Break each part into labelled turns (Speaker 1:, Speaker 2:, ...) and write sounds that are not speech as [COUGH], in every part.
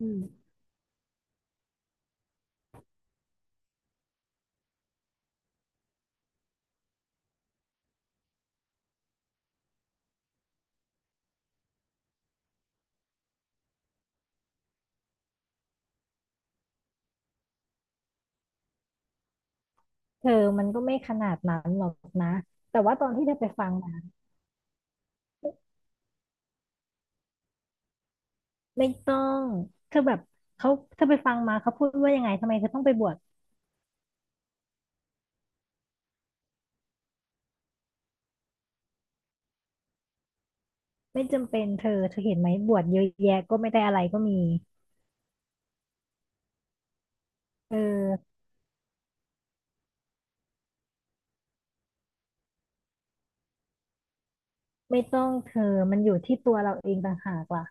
Speaker 1: อืมเธอมันก็ไม่ขนาดนั้นหรอกนะแต่ว่าตอนที่เธอไปฟังมาไม่ต้องเธอแบบเขาเธอไปฟังมาเขาพูดว่ายังไงทำไมเธอต้องไปบวชไม่จำเป็นเธอเห็นไหมบวชเยอะแยะก็ไม่ได้อะไรก็มีเออไม่ต้องเธอมันอยู่ที่ตัวเราเองต่างหากล่ะ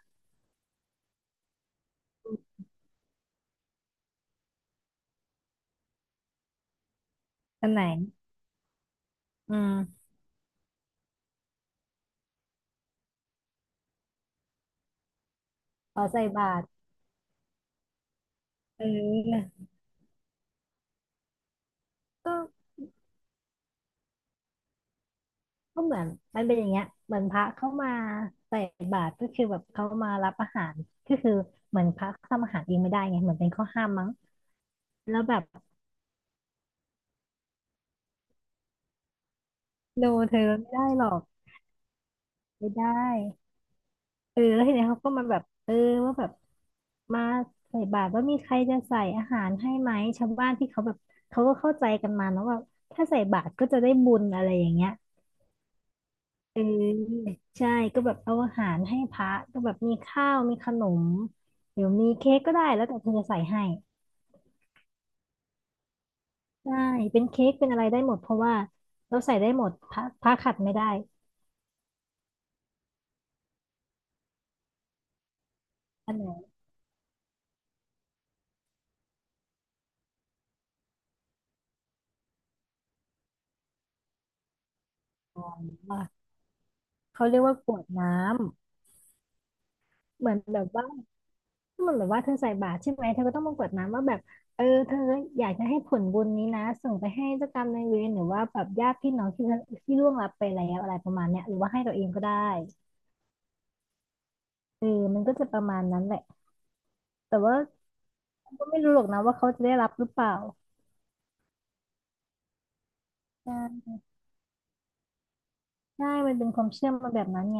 Speaker 1: อันไหนอืมเอาใส่บาตรเออก็ก็เหมือนมันเป็นอย่างเงี้ยเหมือนพระเข้ามาใส่บาตรก็คือแบบเขามารับอาหารก็คือเหมือนพระทำอาหารเองไม่ได้ไงเหมือนเป็นข้อห้ามมั้งแล้วแบบ โนเธอไม่ได้หรอกไม่ได้เออแล้วทีเนี้ยเขาก็มาแบบเออว่าแบบมาใส่บาตรว่ามีใครจะใส่อาหารให้ไหมชาวบ้านที่เขาแบบเขาก็เข้าใจกันมาเนอะว่าถ้าใส่บาตรก็จะได้บุญอะไรอย่างเงี้ยเออใช่ก็แบบเอาอาหารให้พระก็แบบมีข้าวมีขนมหรือมีเค้กก็ได้แล้วแต่เธอจะใส่ให้ใช่เป็นเค้กเป็นอะไรได้หมดเพราะว่าเราใส่ได้หมดพระขัดไม่ได้อันไหนวะเขาเรียกว่ากรวดน้ำเหมือนแบบว่า มันแบบว่าเธอใส่บาตรใช่ไหมเธอก็ต้องมากรวดน้ำว่าแบบเออเธออยากจะให้ผลบุญนี้นะส่งไปให้เจ้ากรรมนายเวรหรือว่าแบบญาติพี่น้องที่ล่วงลับไปแล้วอะไรประมาณเนี้ยหรือว่าให้ตัวเองก็ได้เออมันก็จะประมาณนั้นแหละแต่ว่าก็ไม่รู้หรอกนะว่าเขาจะได้รับหรือเปล่าใช่ใช่มันเป็นความเชื่อมาแบบนั้นไง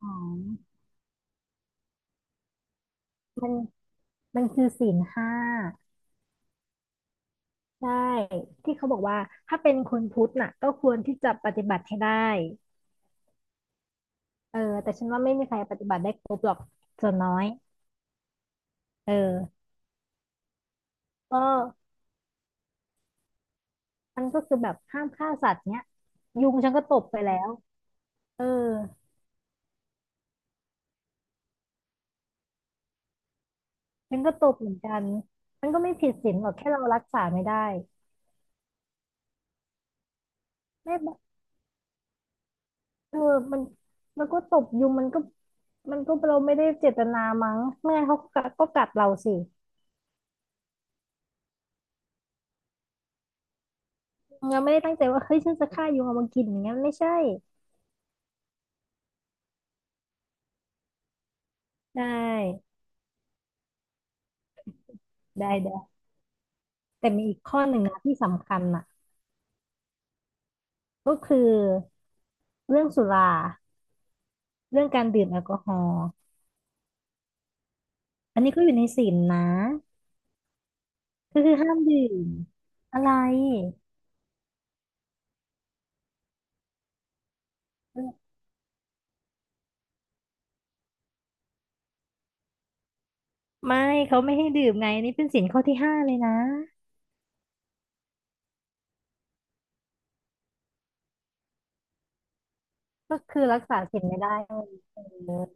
Speaker 1: อ๋อมันมันคือศีลห้าใช่ที่เขาบอกว่าถ้าเป็นคนพุทธน่ะก็ควรที่จะปฏิบัติให้ได้เออแต่ฉันว่าไม่มีใครปฏิบัติได้ครบหรอกส่วนน้อย เออก็มันก็คือแบบห้ามฆ่าสัตว์เนี้ยยุงฉันก็ตบไปแล้วเออฉันก็ตบเหมือนกันมันก็ไม่ผิดศีลหรอกแค่เรารักษาไม่ได้ไม่บเออมันมันก็ตบยุงมันก็เราไม่ได้เจตนามั้งไม่งั้นเขาก็กัดเราสิเราไม่ได้ตั้งใจว่าเฮ้ยฉันจะฆ่ายุงเอามากินอย่างเงี้ยไม่ใช่ได้ได้ได้แต่มีอีกข้อหนึ่งนะที่สำคัญน่ะก็คือเรื่องสุราเรื่องการดื่มแอลกอฮอล์อันนี้ก็อยู่ในศีลนะ ก็คือห้ามดื่มอะไรไม่เขาไม่ให้ดื่มไงนี่เป็นศีลข้อที่ห้าเลยนะก็คือรักษาศีลไม่ได้เออ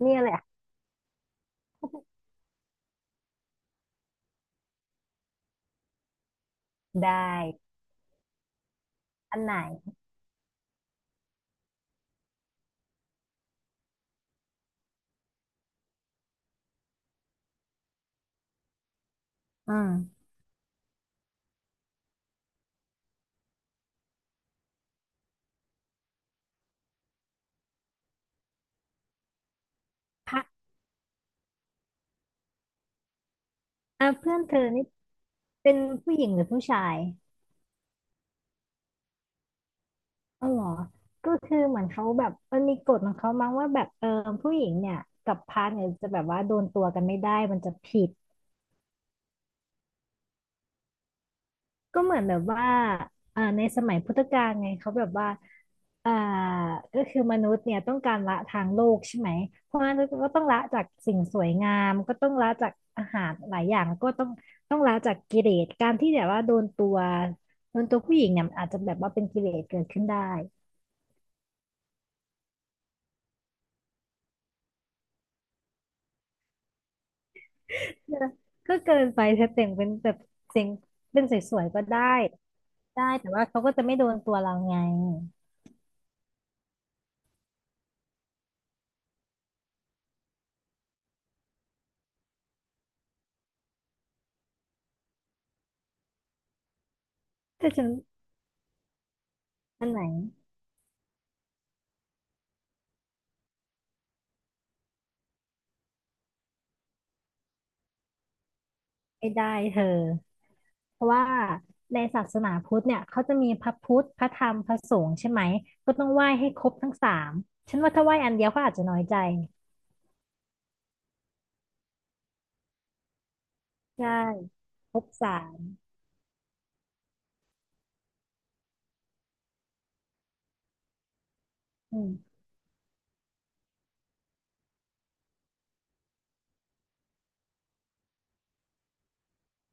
Speaker 1: เนี่ยแหละ [LAUGHS] ได้อันไหนอืมพระอ่ะเพื่อนเธอนี่เป็นผู้หญิงหรือผู้ชายอ๋อเหรอก็คือเหมือนเขาแบบมันมีกฎของเขามั้งว่าแบบเออผู้หญิงเนี่ยกับพระเนี่ยจะแบบว่าโดนตัวกันไม่ได้มันจะผิด ก็เหมือนแบบว่าอ่าในสมัยพุทธกาลไงเขาแบบว่าอ่าก็คือมนุษย์เนี่ยต้องการละทางโลกใช่ไหม เพราะงั้นก็ต้องละจากสิ่งสวยงามก็ต้องละจากอาหารหลายอย่างก็ต้องละจากกิเลสการที่แบบว่าโดนตัวผู้หญิงเนี่ยมันอาจจะแบบว่าเป็นกิเลสเกิดขึ้นได้เออก็เกินไปถ้าแต่งเป็นแบบเสียงเป็นสวยๆก็ได้ได้แต่ว่าเขาก็จะไม่โดนตัวเราไงแต่ฉันอันไหนไม่ได้เธอ เพราะว่าในศาสนาพุทธเนี่ยเขาจะมีพระพุทธ พระธรรม พระสงฆ์ใช่ไหมก็ต้องไหว้ให้ครบทั้งสามฉันว่าถ้าไหว้อันเดียวเขาอาจจะน้อยใจใช่ครบสามอืม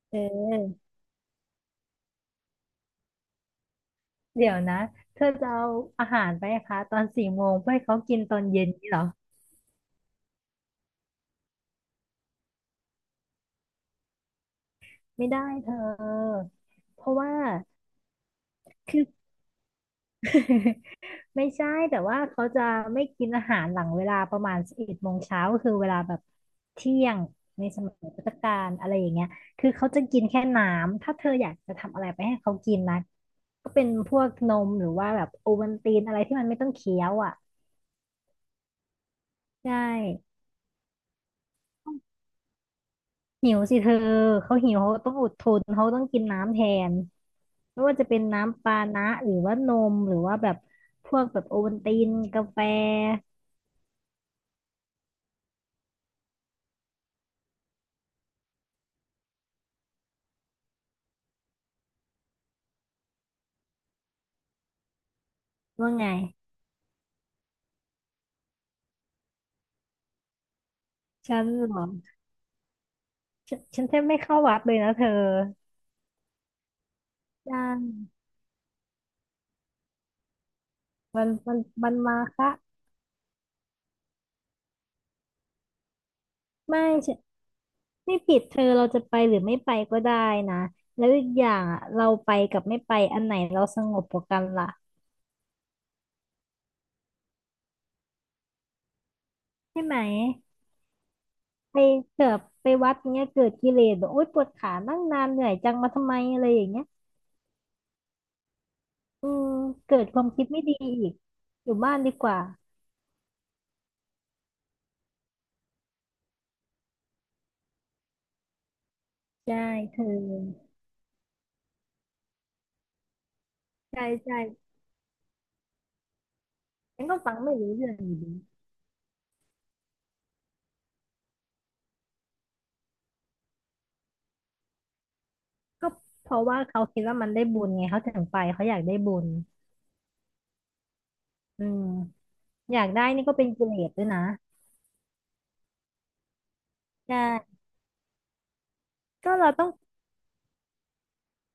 Speaker 1: เออเดี๋ยวนะเธอจะเอาอาหารไปให้คะตอนสี่โมงเพื่อให้เขากินตอนเย็นนี่เหรอไม่ได้เธอเพราะว่าคือ [LAUGHS] ไม่ใช่แต่ว่าเขาจะไม่กินอาหารหลังเวลาประมาณสิบเอ็ดโมงเช้าก็คือเวลาแบบเที่ยงในสมัยพุทธกาลอะไรอย่างเงี้ยคือเขาจะกินแค่น้ำถ้าเธออยากจะทำอะไรไปให้เขากินนะก็เป็นพวกนมหรือว่าแบบโอวัลตินอะไรที่มันไม่ต้องเคี้ยวอ่ะใช่หิวสิเธอเขาหิวเขาต้องอดทนเขาต้องกินน้ำแทนไม่ว่าจะเป็นน้ำปานะหรือว่านมหรือว่าแบบพวกแบบโอวัลตินกาแฟว่าไงฉันเหรอ ฉันแทบไม่เข้าวัดเลยนะเธอจ้างมันมันมันมาคะไม่ฉันไม่ผิดเธอเราจะไปหรือไม่ไปก็ได้นะแล้วอีกอย่างอะเราไปกับไม่ไปอันไหนเราสงบกว่ากันล่ะใช่ไหมไปเกิดไปวัดเนี้ยเกิดกิเลสแบบโอ๊ยปวดขานั่งนานเหนื่อยจังมาทำไมอะไรอย่างเงี้ยอืมเกิดความคิดไม่ดีอีกอยู่บ้านดีกว่าใช่เธอใช่ฉันก็ฟังไม่รู้เรื่องอยู่ดีก็เพราะว่าเขาคิดว่ามันได้บุญไงเขาถึงไปเขาอยากได้บุญ อืมอยากได้นี่ก็เป็นกิเลสด้วยนะใช่ก็เราต้อง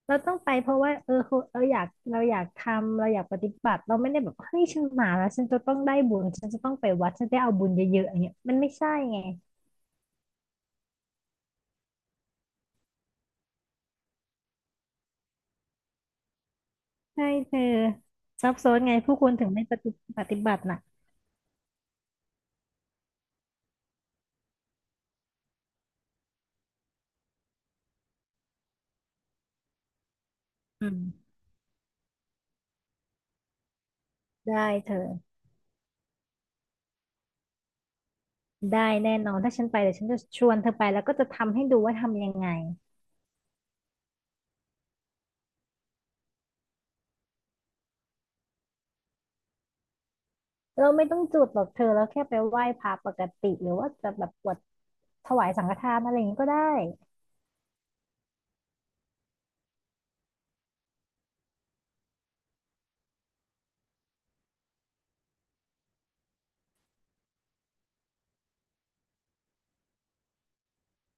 Speaker 1: เราต้องไปเพราะว่าเออคือเราอยากทำเราอยากปฏิบัติเราไม่ได้แบบเฮ้ยฉันมาแล้วฉันจะต้องได้บุญฉันจะต้องไปวัดฉันได้เอาบุญเยอะๆอย่างเงี้ยมันไม่ใช่ไงใช่เธอซับซ้อนไงผู้คนถึงไม่ปฏิบัติน่ะอืมได้เธอได้แน่นอนถ้าฉันไปเดี๋ยวฉันจะชวนเธอไปแล้วก็จะทำให้ดูว่าทำยังไงเราไม่ต้องจุดหรอกเธอเราแค่ไปไหว้พระปกติหรือว่าจะแบบกวดถวายสังฆทานอะไรอย่างนี้ก็ได้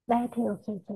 Speaker 1: ได้เธอโอเค